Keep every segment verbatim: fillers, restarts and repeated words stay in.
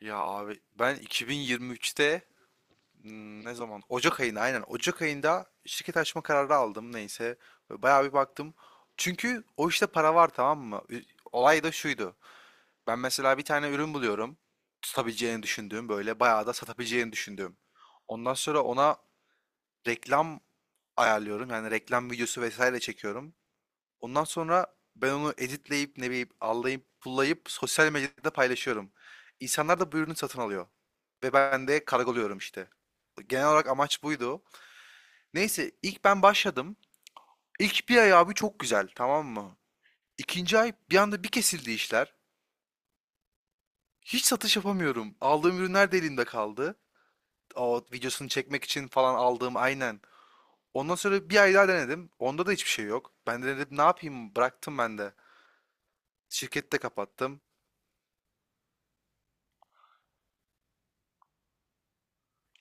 Ya abi, ben iki bin yirmi üçte hmm, ne zaman? Ocak ayında, aynen. Ocak ayında şirket açma kararı aldım, neyse. Bayağı bir baktım. Çünkü o işte para var, tamam mı? Ü- Olay da şuydu. Ben mesela bir tane ürün buluyorum. Tutabileceğini düşündüğüm, böyle bayağı da satabileceğini düşündüğüm. Ondan sonra ona reklam ayarlıyorum. Yani reklam videosu vesaire çekiyorum. Ondan sonra ben onu editleyip, ne bileyim, allayıp pullayıp sosyal medyada paylaşıyorum. İnsanlar da bu ürünü satın alıyor. Ve ben de kargoluyorum işte. Genel olarak amaç buydu. Neyse, ilk ben başladım. İlk bir ay abi çok güzel, tamam mı? İkinci ay bir anda bir kesildi işler. Hiç satış yapamıyorum. Aldığım ürünler de elimde kaldı. O videosunu çekmek için falan aldığım, aynen. Ondan sonra bir ay daha denedim. Onda da hiçbir şey yok. Ben de dedim ne yapayım, bıraktım ben de. Şirketi de kapattım.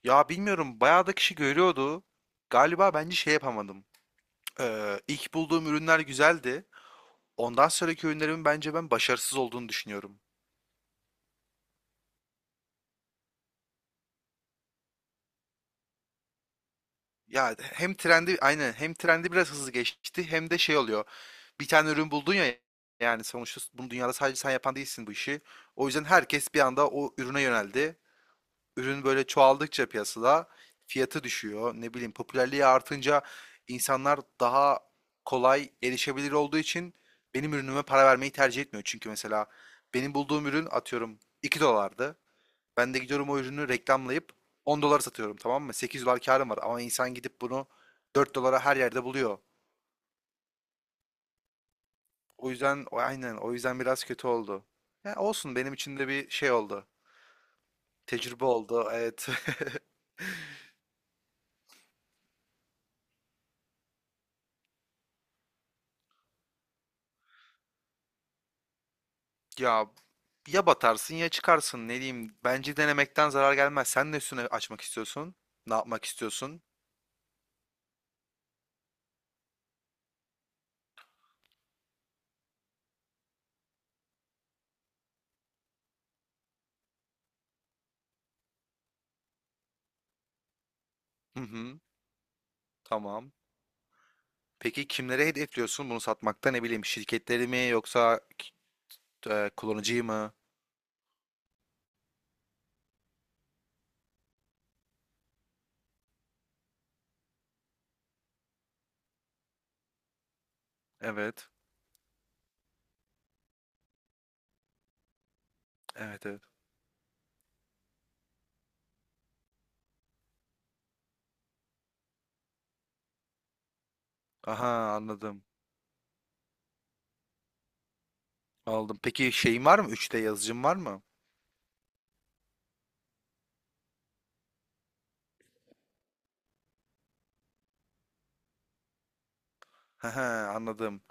Ya bilmiyorum, bayağı da kişi görüyordu. Galiba bence şey yapamadım. Ee, ilk bulduğum ürünler güzeldi. Ondan sonraki ürünlerimin bence ben başarısız olduğunu düşünüyorum. Ya hem trendi aynı hem trendi biraz hızlı geçti hem de şey oluyor. Bir tane ürün buldun ya, yani sonuçta bunu dünyada sadece sen yapan değilsin bu işi. O yüzden herkes bir anda o ürüne yöneldi. ürün böyle çoğaldıkça piyasada fiyatı düşüyor. Ne bileyim, popülerliği artınca insanlar daha kolay erişebilir olduğu için benim ürünüme para vermeyi tercih etmiyor. Çünkü mesela benim bulduğum ürün atıyorum iki dolardı. Ben de gidiyorum o ürünü reklamlayıp on dolara satıyorum, tamam mı? Sekiz dolar karım var ama insan gidip bunu dört dolara her yerde buluyor. O yüzden o- aynen, o yüzden biraz kötü oldu. Ya olsun, benim için de bir şey oldu. Tecrübe oldu, evet. Ya Ya batarsın ya çıkarsın, ne diyeyim. Bence denemekten zarar gelmez. Sen ne üstüne açmak istiyorsun? Ne yapmak istiyorsun? Hı hı, tamam. Peki kimlere hedefliyorsun bunu satmakta, ne bileyim, şirketleri mi yoksa e, kullanıcıyı mı? Evet. Evet, evet. Aha, anladım. Aldım. Peki şeyin var mı? üç D yazıcın var mı? Aha, anladım.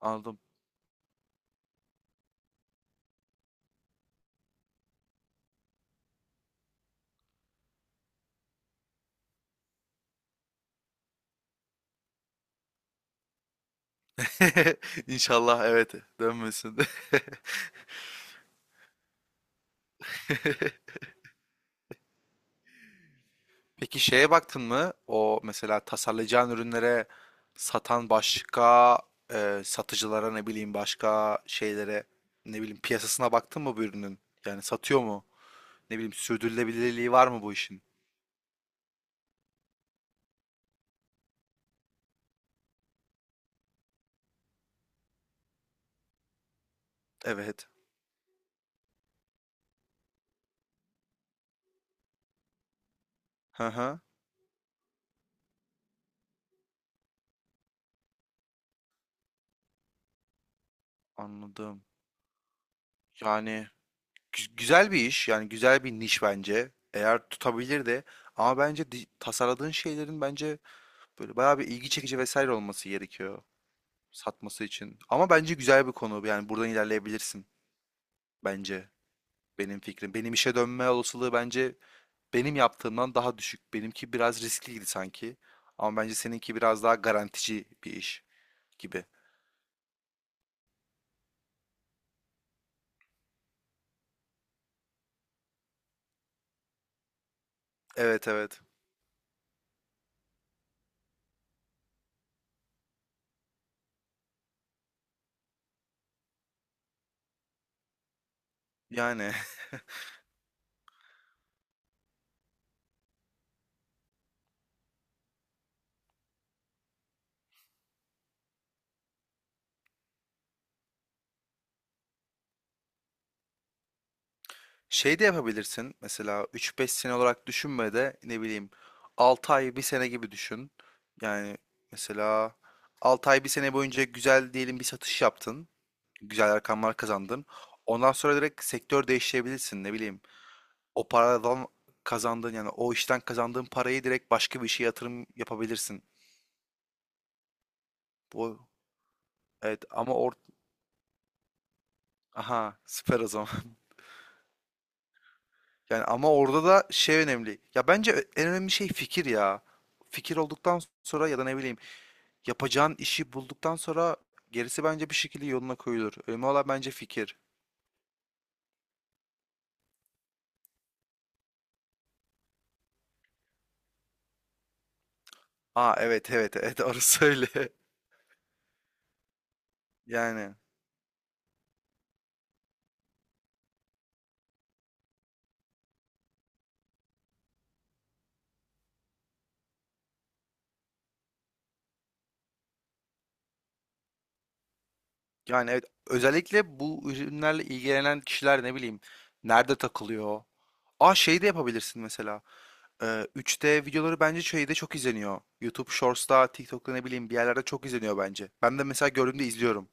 Aldım. İnşallah evet dönmesin. Peki şeye baktın mı? O mesela tasarlayacağın ürünlere satan başka, e, satıcılara, ne bileyim başka şeylere, ne bileyim, piyasasına baktın mı bu ürünün? Yani satıyor mu? Ne bileyim, sürdürülebilirliği var mı bu işin? Evet. Hı hı. Anladım. Yani gü- güzel bir iş. Yani güzel bir niş bence. Eğer tutabilir de, ama bence di- tasarladığın şeylerin bence böyle bayağı bir ilgi çekici vesaire olması gerekiyor satması için. Ama bence güzel bir konu. Yani buradan ilerleyebilirsin. Bence benim fikrim. Benim işe dönme olasılığı bence benim yaptığımdan daha düşük. Benimki biraz riskliydi sanki. Ama bence seninki biraz daha garantici bir iş gibi. Evet, evet. Yani şey de yapabilirsin. Mesela üç beş sene olarak düşünme de, ne bileyim, altı ay bir sene gibi düşün. Yani mesela altı ay bir sene boyunca güzel diyelim bir satış yaptın. Güzel rakamlar kazandın. Ondan sonra direkt sektör değiştirebilirsin, ne bileyim. O paradan kazandığın, yani o işten kazandığın parayı direkt başka bir işe yatırım yapabilirsin. Bu, evet ama or aha, süper o zaman. Yani ama orada da şey önemli. Ya bence en önemli şey fikir ya. Fikir olduktan sonra, ya da ne bileyim, yapacağın işi bulduktan sonra gerisi bence bir şekilde yoluna koyulur. Önemli olan bence fikir. Aa, evet evet evet, orası öyle. Yani yani evet, özellikle bu ürünlerle ilgilenen kişiler ne bileyim nerede takılıyor? Aa, şey de yapabilirsin mesela. Ee, üç D videoları bence şeyde çok izleniyor. YouTube Shorts'ta, TikTok'ta, ne bileyim, bir yerlerde çok izleniyor bence. Ben de mesela gördüğümde izliyorum.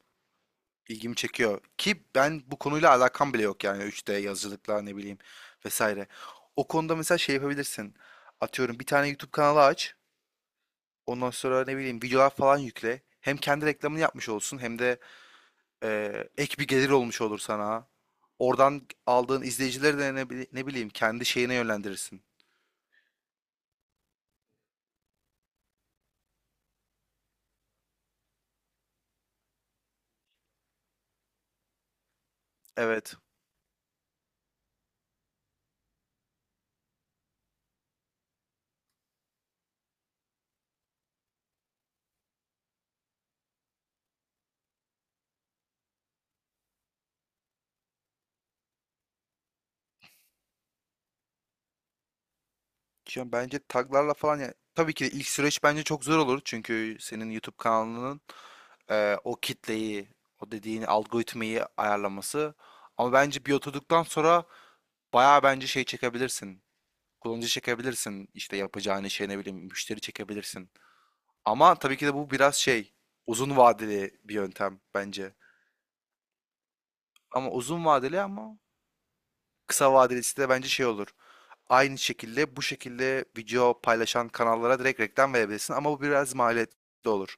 İlgimi çekiyor. Ki ben bu konuyla alakam bile yok yani, üç D yazıcılıkla ne bileyim vesaire. O konuda mesela şey yapabilirsin. Atıyorum bir tane YouTube kanalı aç. Ondan sonra, ne bileyim, videolar falan yükle. Hem kendi reklamını yapmış olsun hem de e, ek bir gelir olmuş olur sana. Oradan aldığın izleyicileri de ne, bili- ne bileyim kendi şeyine yönlendirirsin. Evet. Ya bence taglarla falan, ya tabii ki de ilk süreç bence çok zor olur çünkü senin YouTube kanalının e, o kitleyi, o dediğin algoritmayı ayarlaması, ama bence bir oturduktan sonra bayağı bence şey çekebilirsin, kullanıcı çekebilirsin, işte yapacağın şey ne bileyim müşteri çekebilirsin, ama tabii ki de bu biraz şey uzun vadeli bir yöntem bence. Ama uzun vadeli, ama kısa vadelisi de bence şey olur, aynı şekilde bu şekilde video paylaşan kanallara direkt reklam verebilirsin ama bu biraz maliyetli olur.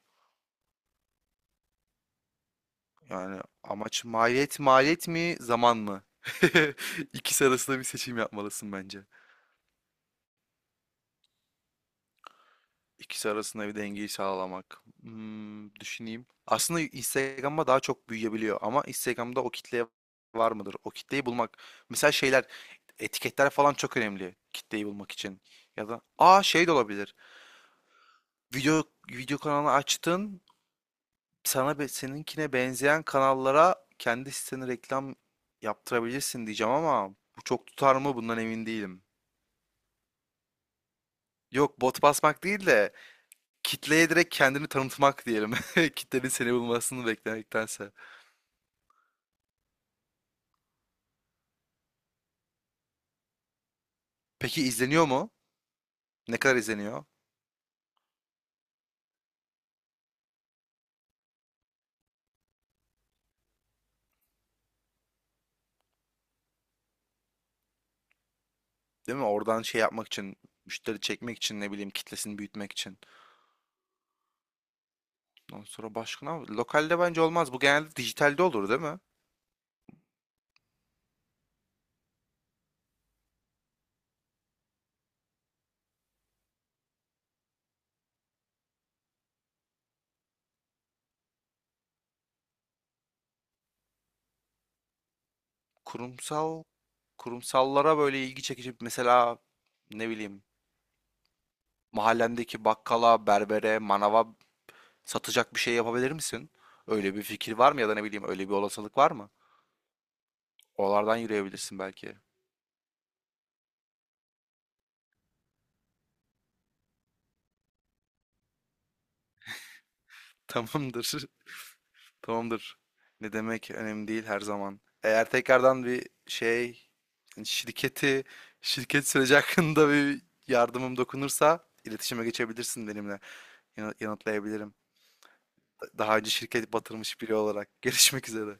Yani amaç maliyet maliyet mi zaman mı? İkisi arasında bir seçim yapmalısın bence. İkisi arasında bir dengeyi sağlamak. Hmm, düşüneyim. Aslında Instagram'a daha çok büyüyebiliyor ama Instagram'da o kitleye var mıdır? O kitleyi bulmak. Mesela şeyler, etiketler falan çok önemli kitleyi bulmak için. Ya da aa, şey de olabilir. Video video kanalı açtın, sana be seninkine benzeyen kanallara kendi sitene reklam yaptırabilirsin diyeceğim ama bu çok tutar mı bundan emin değilim. Yok, bot basmak değil de kitleye direkt kendini tanıtmak diyelim. Kitlenin seni bulmasını beklemektense. Peki izleniyor mu? Ne kadar izleniyor? Değil mi? Oradan şey yapmak için, müşteri çekmek için ne bileyim kitlesini büyütmek için. Ondan sonra başka ne var? Lokalde bence olmaz. Bu genelde dijitalde olur değil mi? Kurumsal, kurumsallara böyle ilgi çekici mesela ne bileyim mahallemdeki bakkala, berbere, manava satacak bir şey yapabilir misin? Öyle bir fikir var mı ya da ne bileyim öyle bir olasılık var mı? Oralardan yürüyebilirsin belki. Tamamdır. Tamamdır. Ne demek, önemli değil her zaman. Eğer tekrardan bir şey hani, şirketi, şirket süreci hakkında bir yardımım dokunursa iletişime geçebilirsin benimle. Yana- Yanıtlayabilirim. Daha önce şirket batırmış biri olarak. Görüşmek üzere.